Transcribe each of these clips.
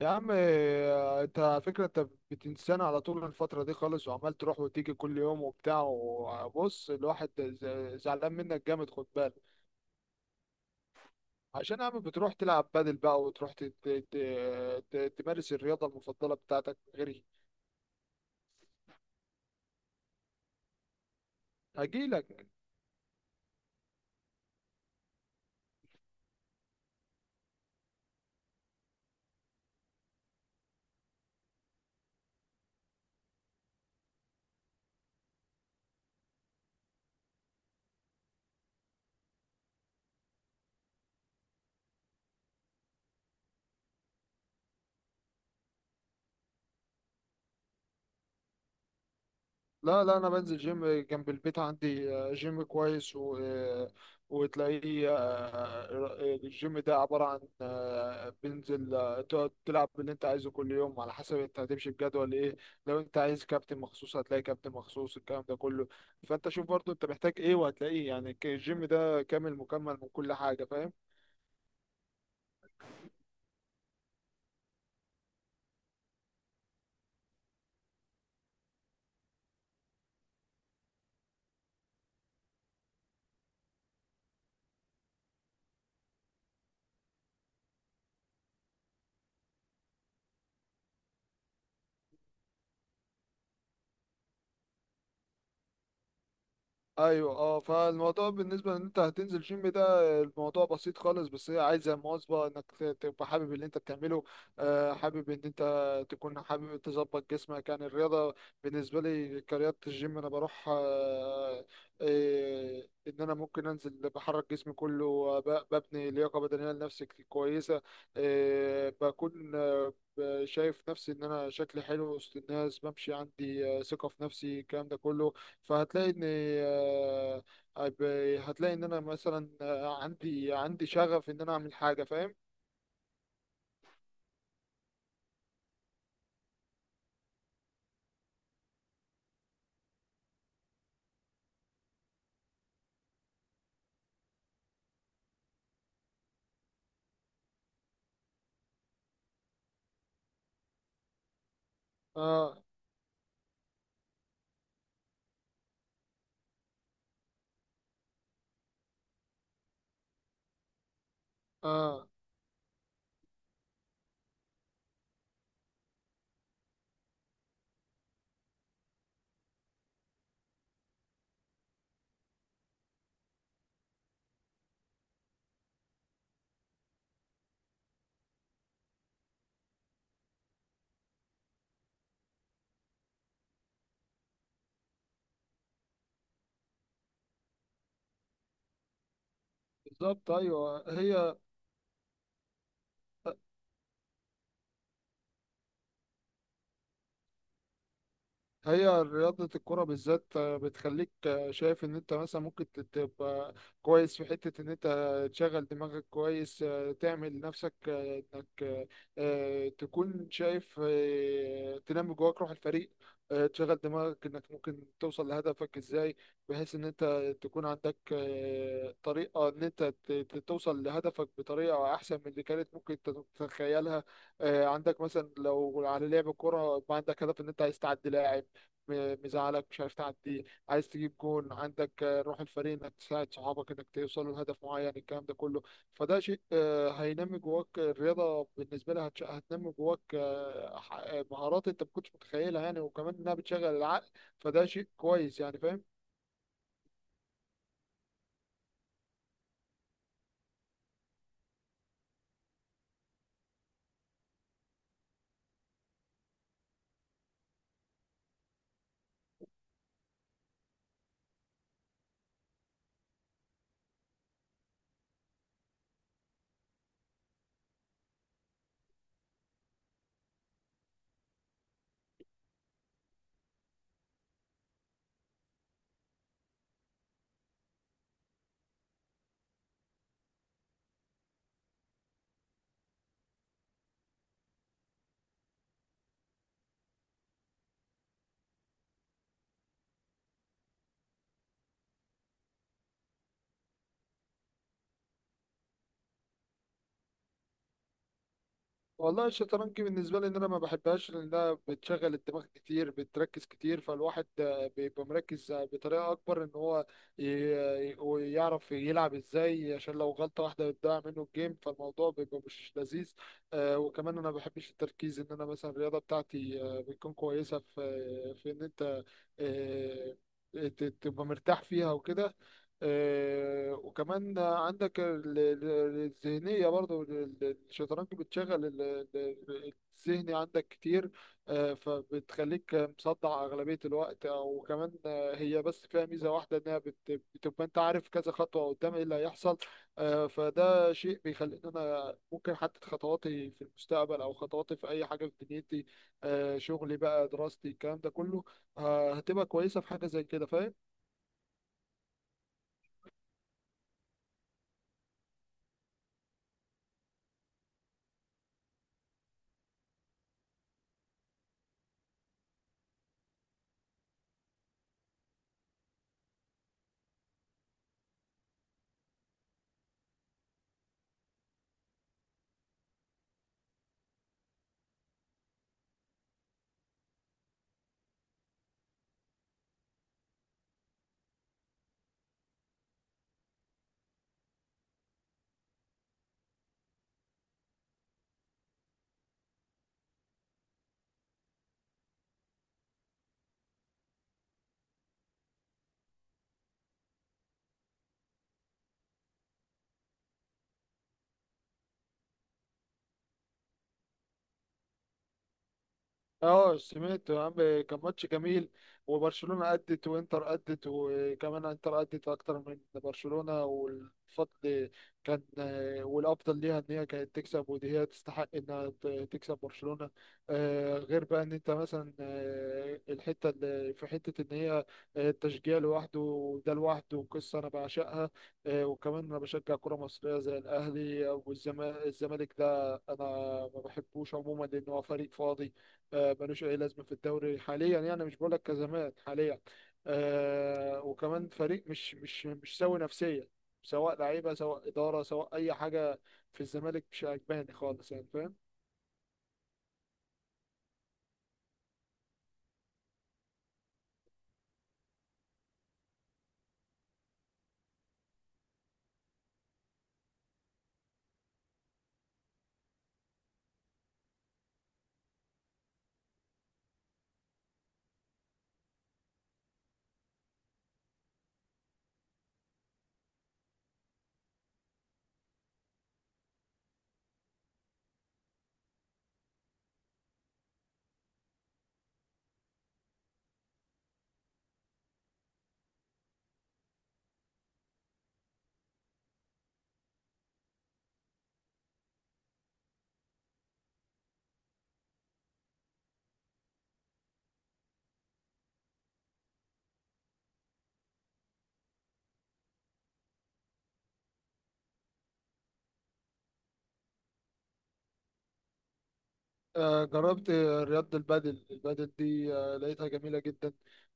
يا عم إيه، انت على فكرة انت بتنسانا على طول الفترة دي خالص، وعمال تروح وتيجي كل يوم وبتاع. وبص، الواحد زعلان منك جامد، خد بالك. عشان يا عم بتروح تلعب بادل بقى، وتروح تمارس الرياضة المفضلة بتاعتك غيري. هجيلك. لا لا، انا بنزل جيم جنب البيت عندي. جيم كويس. و وتلاقيه الجيم ده عبارة عن بنزل تقعد تلعب اللي انت عايزه كل يوم، على حسب انت هتمشي بجدول ايه. لو انت عايز كابتن مخصوص هتلاقي كابتن مخصوص، الكلام ده كله. فانت شوف برضو انت محتاج ايه وهتلاقيه، يعني الجيم ده كامل مكمل من كل حاجة، فاهم؟ ايوه، اه. فالموضوع بالنسبه ان انت هتنزل جيم ده، الموضوع بسيط خالص، بس هي عايزه مواظبه انك تبقى حابب اللي انت بتعمله. حابب ان انت تكون حابب تظبط جسمك، يعني الرياضه بالنسبه لي كرياضه. الجيم انا بروح ان انا ممكن انزل بحرك جسمي كله، ببني لياقه بدنيه لنفسي كويسه. آه، بكون آه، شايف نفسي ان انا شكلي حلو وسط الناس، بمشي عندي ثقه في نفسي، الكلام ده كله. فهتلاقي ان هتلاقي ان انا مثلا عندي شغف ان انا اعمل حاجه، فاهم؟ اه اه، بالظبط، ايوه. هي هي رياضة الكرة بالذات، بتخليك شايف إن أنت مثلا ممكن تبقى كويس في حتة إن أنت تشغل دماغك كويس. تعمل نفسك إنك تكون شايف، تنمي جواك روح الفريق. تشغل دماغك إنك ممكن توصل لهدفك إزاي، بحيث إن أنت تكون عندك طريقة إن أنت توصل لهدفك بطريقة أحسن من اللي كانت ممكن تتخيلها. عندك مثلا لو على لعب كرة، يبقى عندك هدف إن أنت عايز تعدي لاعب مزعلك مش عارف تعدي، عايز تجيب جون، عندك روح الفريق انك تساعد صحابك انك توصلوا لهدف معين، الكلام ده كله. فده شيء هينمي جواك. الرياضة بالنسبة لها هتنمي جواك مهارات انت ما كنتش متخيلها، يعني وكمان انها بتشغل العقل، فده شيء كويس، يعني فاهم؟ والله الشطرنج بالنسبة لي إن أنا ما بحبهاش لأنها بتشغل الدماغ كتير، بتركز كتير، فالواحد بيبقى مركز بطريقة أكبر، إن هو ويعرف يلعب إزاي، عشان لو غلطة واحدة بتضيع منه الجيم، فالموضوع بيبقى مش لذيذ. وكمان أنا ما بحبش التركيز. إن أنا مثلا الرياضة بتاعتي بتكون كويسة في إن أنت آه، تبقى مرتاح فيها وكده. وكمان عندك الذهنية برضو. الشطرنج بتشغل ال- الذهني عندك كتير. فبتخليك مصدع أغلبية الوقت. أو كمان هي بس فيها ميزة واحدة، إنها بتبقى أنت عارف كذا خطوة قدام إيه اللي هيحصل. فده شيء بيخليني أنا ممكن أحدد خطواتي في المستقبل، أو خطواتي في أي حاجة في دنيتي. شغلي بقى، دراستي، الكلام ده كله هتبقى كويسة في حاجة زي كده، فاهم؟ اه، سمعت يا عم، كان ماتش جميل. وبرشلونة أدت، وإنتر أدت، وكمان إنتر أدت أكتر من برشلونة. والفضل كان والأفضل ليها إن هي كانت تكسب، ودي هي تستحق إنها تكسب برشلونة. غير بقى إن أنت مثلا الحتة اللي في حتة إن هي التشجيع لوحده، وده لوحده قصة أنا بعشقها. وكمان أنا بشجع كرة مصرية زي الأهلي والزمالك. الزمالك ده أنا ما بحبوش عموما، لأن هو فريق فاضي. ملوش اي لازمه في الدوري حاليا، يعني مش بقول لك كزمان، حاليا آه، وكمان فريق مش سوي نفسيا، سواء لعيبه، سواء اداره، سواء اي حاجه في الزمالك مش عجباني خالص، يعني فاهم؟ جربت رياضة البادل. البادل دي لقيتها جميلة جدا.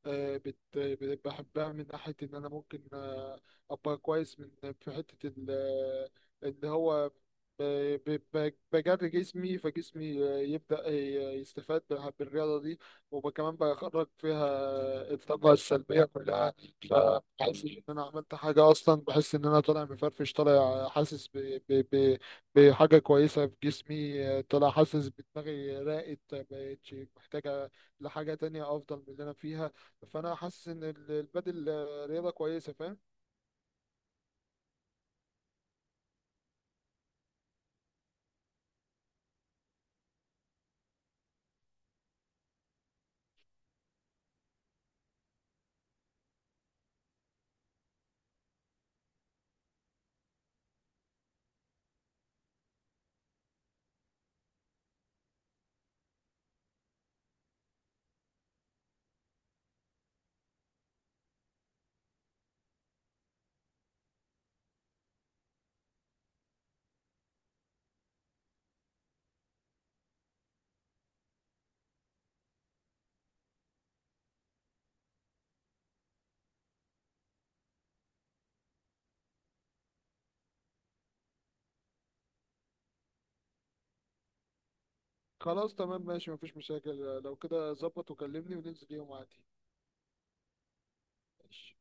بحبها من ناحية إن أنا ممكن أبقى كويس من، في حتة إن هو بجري جسمي، فجسمي يبدأ يستفاد بالرياضة دي، وكمان بخرج فيها الطاقة السلبية كلها. فبحس إن أنا عملت حاجة أصلا، بحس إن أنا طالع مفرفش، طالع حاسس بحاجة كويسة في جسمي. طلع حاسس بدماغي راقت، ما بقتش محتاجة لحاجة تانية أفضل من اللي أنا فيها. فأنا حاسس إن البادل رياضة كويسة، فاهم؟ خلاص، تمام، ماشي، مفيش مشاكل. لو كده ظبط وكلمني وننزل يوم عادي. ماشي.